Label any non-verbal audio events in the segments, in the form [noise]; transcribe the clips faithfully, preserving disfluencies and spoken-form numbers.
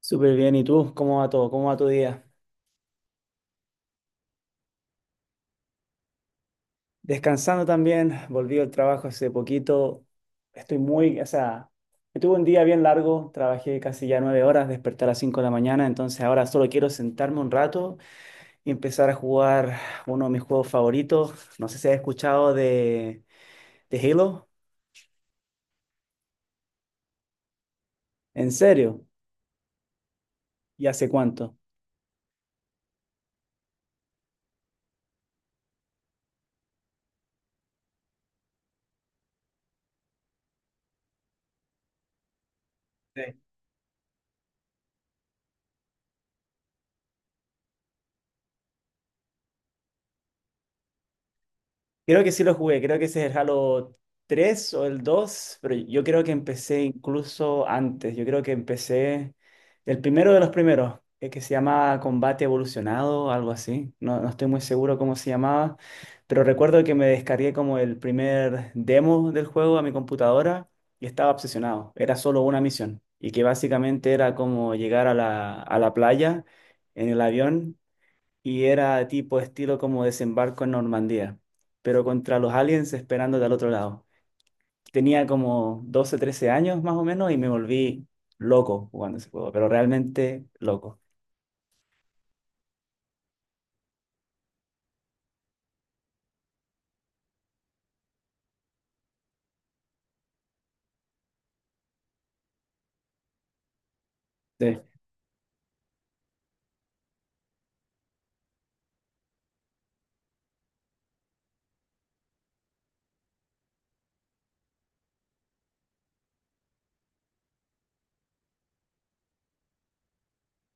Súper bien, ¿y tú? ¿Cómo va todo? ¿Cómo va tu día? Descansando también, volví al trabajo hace poquito. Estoy muy, o sea, me tuve un día bien largo, trabajé casi ya nueve horas, desperté a las cinco de la mañana, entonces ahora solo quiero sentarme un rato y empezar a jugar uno de mis juegos favoritos. No sé si has escuchado de, de Halo. ¿En serio? ¿Y hace cuánto? Sí. Creo que sí lo jugué, creo que ese es el Halo tres o el dos, pero yo creo que empecé incluso antes, yo creo que empecé el primero de los primeros, eh, que se llama Combate Evolucionado, algo así, no, no estoy muy seguro cómo se llamaba, pero recuerdo que me descargué como el primer demo del juego a mi computadora y estaba obsesionado, era solo una misión y que básicamente era como llegar a la, a la playa en el avión y era tipo estilo como desembarco en Normandía, pero contra los aliens esperando del otro lado. Tenía como doce trece años más o menos y me volví loco jugando ese juego, pero realmente loco. De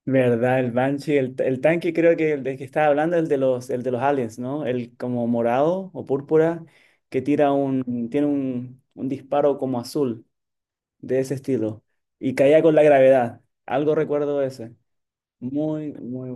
verdad, el Banshee, el, el tanque creo que el de que estaba hablando, el de los, el de los aliens, ¿no? El como morado o púrpura que tira un, tiene un, un disparo como azul de ese estilo y caía con la gravedad. Algo recuerdo de ese. Muy, muy.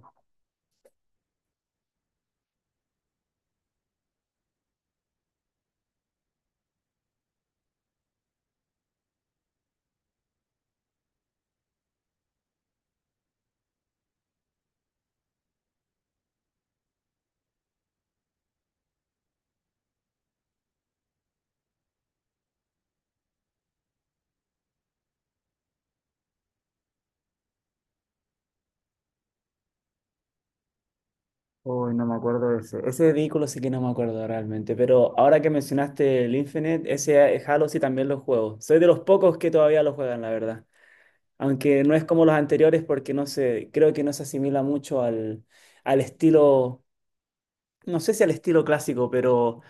Uy, no me acuerdo de ese. Ese vehículo sí que no me acuerdo realmente, pero ahora que mencionaste el Infinite, ese eh, Halo sí también lo juego. Soy de los pocos que todavía lo juegan, la verdad. Aunque no es como los anteriores porque no sé, creo que no se asimila mucho al, al estilo, no sé si al estilo clásico, pero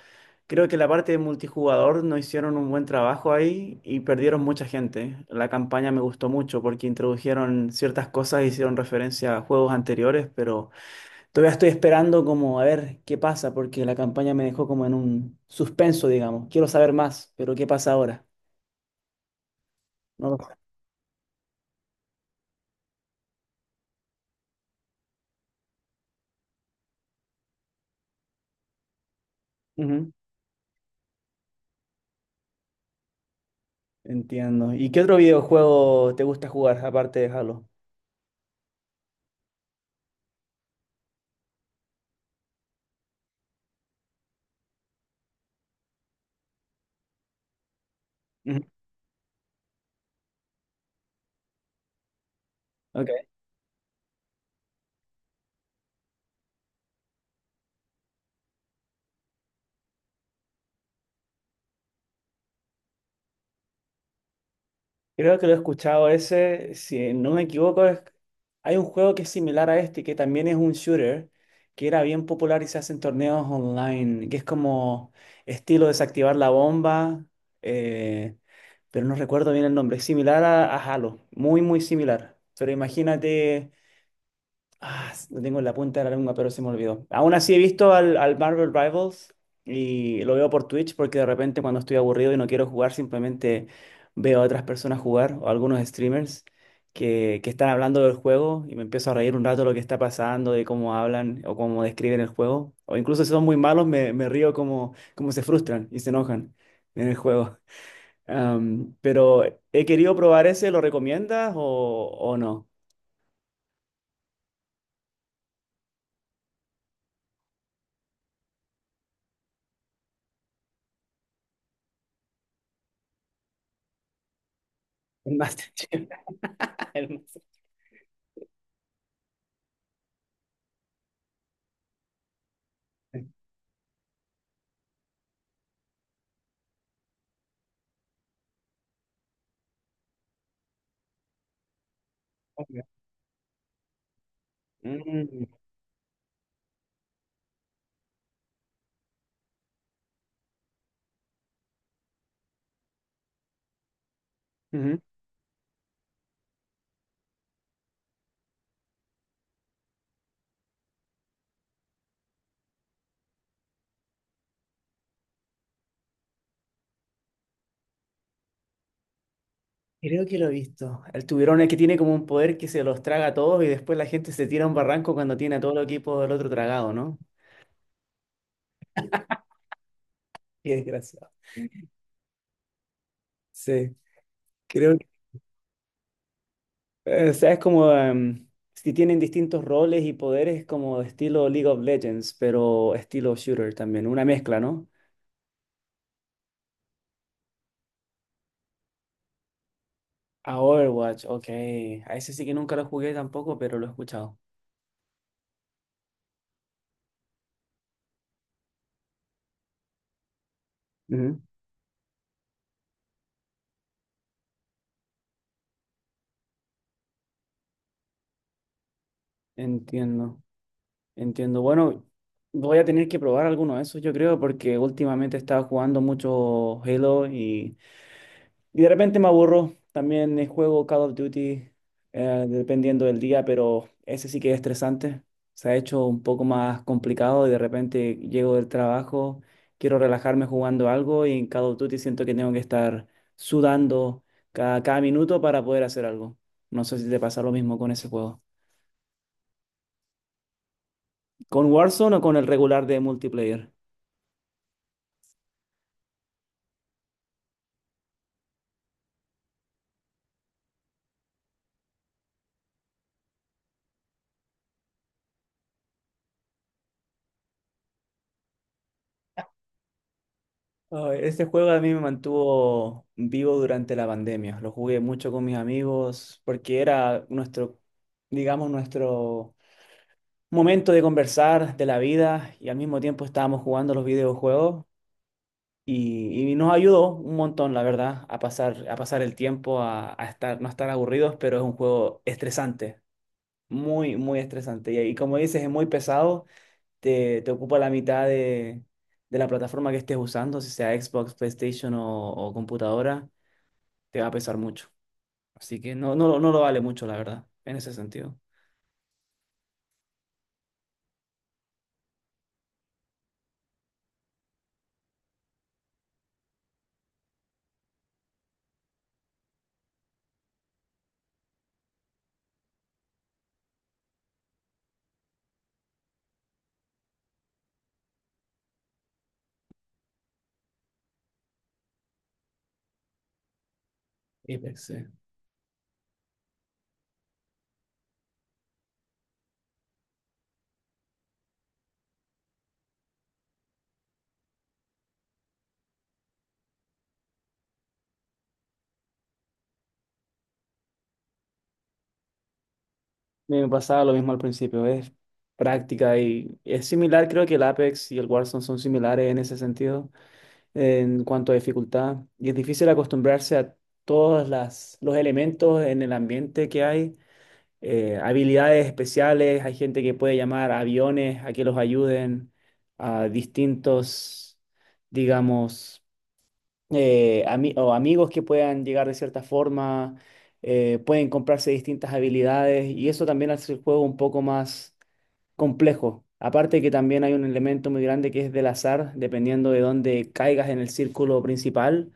creo que la parte de multijugador no hicieron un buen trabajo ahí y perdieron mucha gente. La campaña me gustó mucho porque introdujeron ciertas cosas, hicieron referencia a juegos anteriores, pero... Todavía estoy esperando como a ver qué pasa, porque la campaña me dejó como en un suspenso, digamos. Quiero saber más, pero ¿qué pasa ahora? No lo sé. Ujú. Entiendo. ¿Y qué otro videojuego te gusta jugar aparte de Halo? Ujú, ok. Creo que lo he escuchado ese, si no me equivoco, es- hay un juego que es similar a este, que también es un shooter, que era bien popular y se hacen torneos online, que es como estilo desactivar la bomba, eh, pero no recuerdo bien el nombre, es similar a, a Halo, muy, muy similar. Pero imagínate. Ah, lo tengo en la punta de la lengua, pero se me olvidó. Aún así he visto al, al Marvel Rivals y lo veo por Twitch porque de repente cuando estoy aburrido y no quiero jugar, simplemente veo a otras personas jugar o algunos streamers que, que están hablando del juego y me empiezo a reír un rato de lo que está pasando, de cómo hablan o cómo describen el juego. O incluso si son muy malos, me, me río como, como se frustran y se enojan en el juego. Am, pero he querido probar ese, ¿lo recomiendas o, o no? [laughs] El Master Chief. [laughs] El Master Chief. Mm, ujú. Creo que lo he visto. El tiburón es que tiene como un poder que se los traga a todos y después la gente se tira a un barranco cuando tiene a todo el equipo del otro tragado, ¿no? [laughs] Qué desgraciado. Sí, creo que... eh, O sea, es como... em, si tienen distintos roles y poderes como estilo League of Legends, pero estilo shooter también, una mezcla, ¿no? A Overwatch, ok. A ese sí que nunca lo jugué tampoco, pero lo he escuchado. Ujú. Entiendo. Entiendo. Bueno, voy a tener que probar alguno de esos, yo creo, porque últimamente estaba jugando mucho Halo y, y de repente me aburro. También eh, juego Call of Duty, eh, dependiendo del día, pero ese sí que es estresante. Se ha hecho un poco más complicado y de repente llego del trabajo, quiero relajarme jugando algo y en Call of Duty siento que tengo que estar sudando cada, cada minuto para poder hacer algo. No sé si te pasa lo mismo con ese juego. ¿Con Warzone o con el regular de multiplayer? Ay, este juego a mí me mantuvo vivo durante la pandemia. Lo jugué mucho con mis amigos porque era nuestro, digamos, nuestro momento de conversar de la vida y al mismo tiempo estábamos jugando los videojuegos y, y nos ayudó un montón, la verdad, a pasar, a pasar el tiempo, a, a estar, no estar aburridos, pero es un juego estresante, muy, muy estresante. Y, y como dices, es muy pesado, te, te ocupa la mitad de, de la plataforma que estés usando, si sea Xbox, PlayStation o, o computadora, te va a pesar mucho. Así que no, no, no lo vale mucho, la verdad, en ese sentido. Apex, sí. Me pasaba lo mismo al principio, es práctica y es similar, creo que el Apex y el Warzone son similares en ese sentido, en cuanto a dificultad. Y es difícil acostumbrarse a todos las, los elementos en el ambiente que hay eh, habilidades especiales, hay gente que puede llamar a aviones a que los ayuden, a distintos, digamos, eh, ami- o amigos que puedan llegar de cierta forma, eh, pueden comprarse distintas habilidades y eso también hace el juego un poco más complejo. Aparte que también hay un elemento muy grande que es del azar, dependiendo de dónde caigas en el círculo principal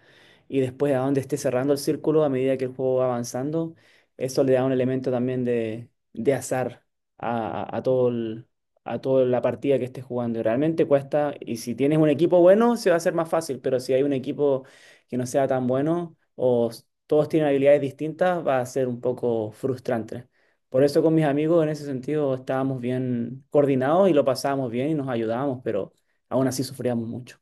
y después a dónde estés cerrando el círculo a medida que el juego va avanzando. Eso le da un elemento también de, de azar a, a- a todo el- a toda la partida que estés jugando. Y realmente cuesta, y si tienes un equipo bueno, se va a hacer más fácil, pero si hay un equipo que no sea tan bueno o s- todos tienen habilidades distintas, va a ser un poco frustrante. Por eso con mis amigos en ese sentido estábamos bien coordinados y lo pasábamos bien y nos ayudábamos, pero aún así sufríamos mucho.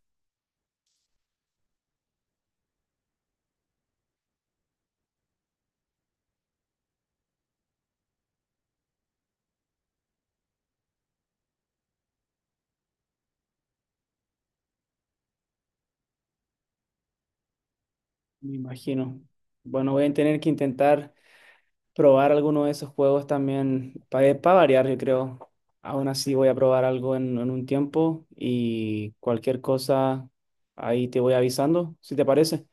Me imagino. Bueno, voy a tener que intentar probar alguno de esos juegos también para variar, yo creo. Aún así voy a probar algo en, en un tiempo y cualquier cosa ahí te voy avisando, si te parece.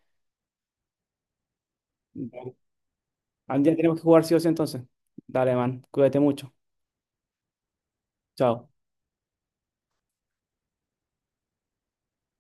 Al día tenemos que jugar sí o sí entonces. Dale, man, cuídate mucho. Chao.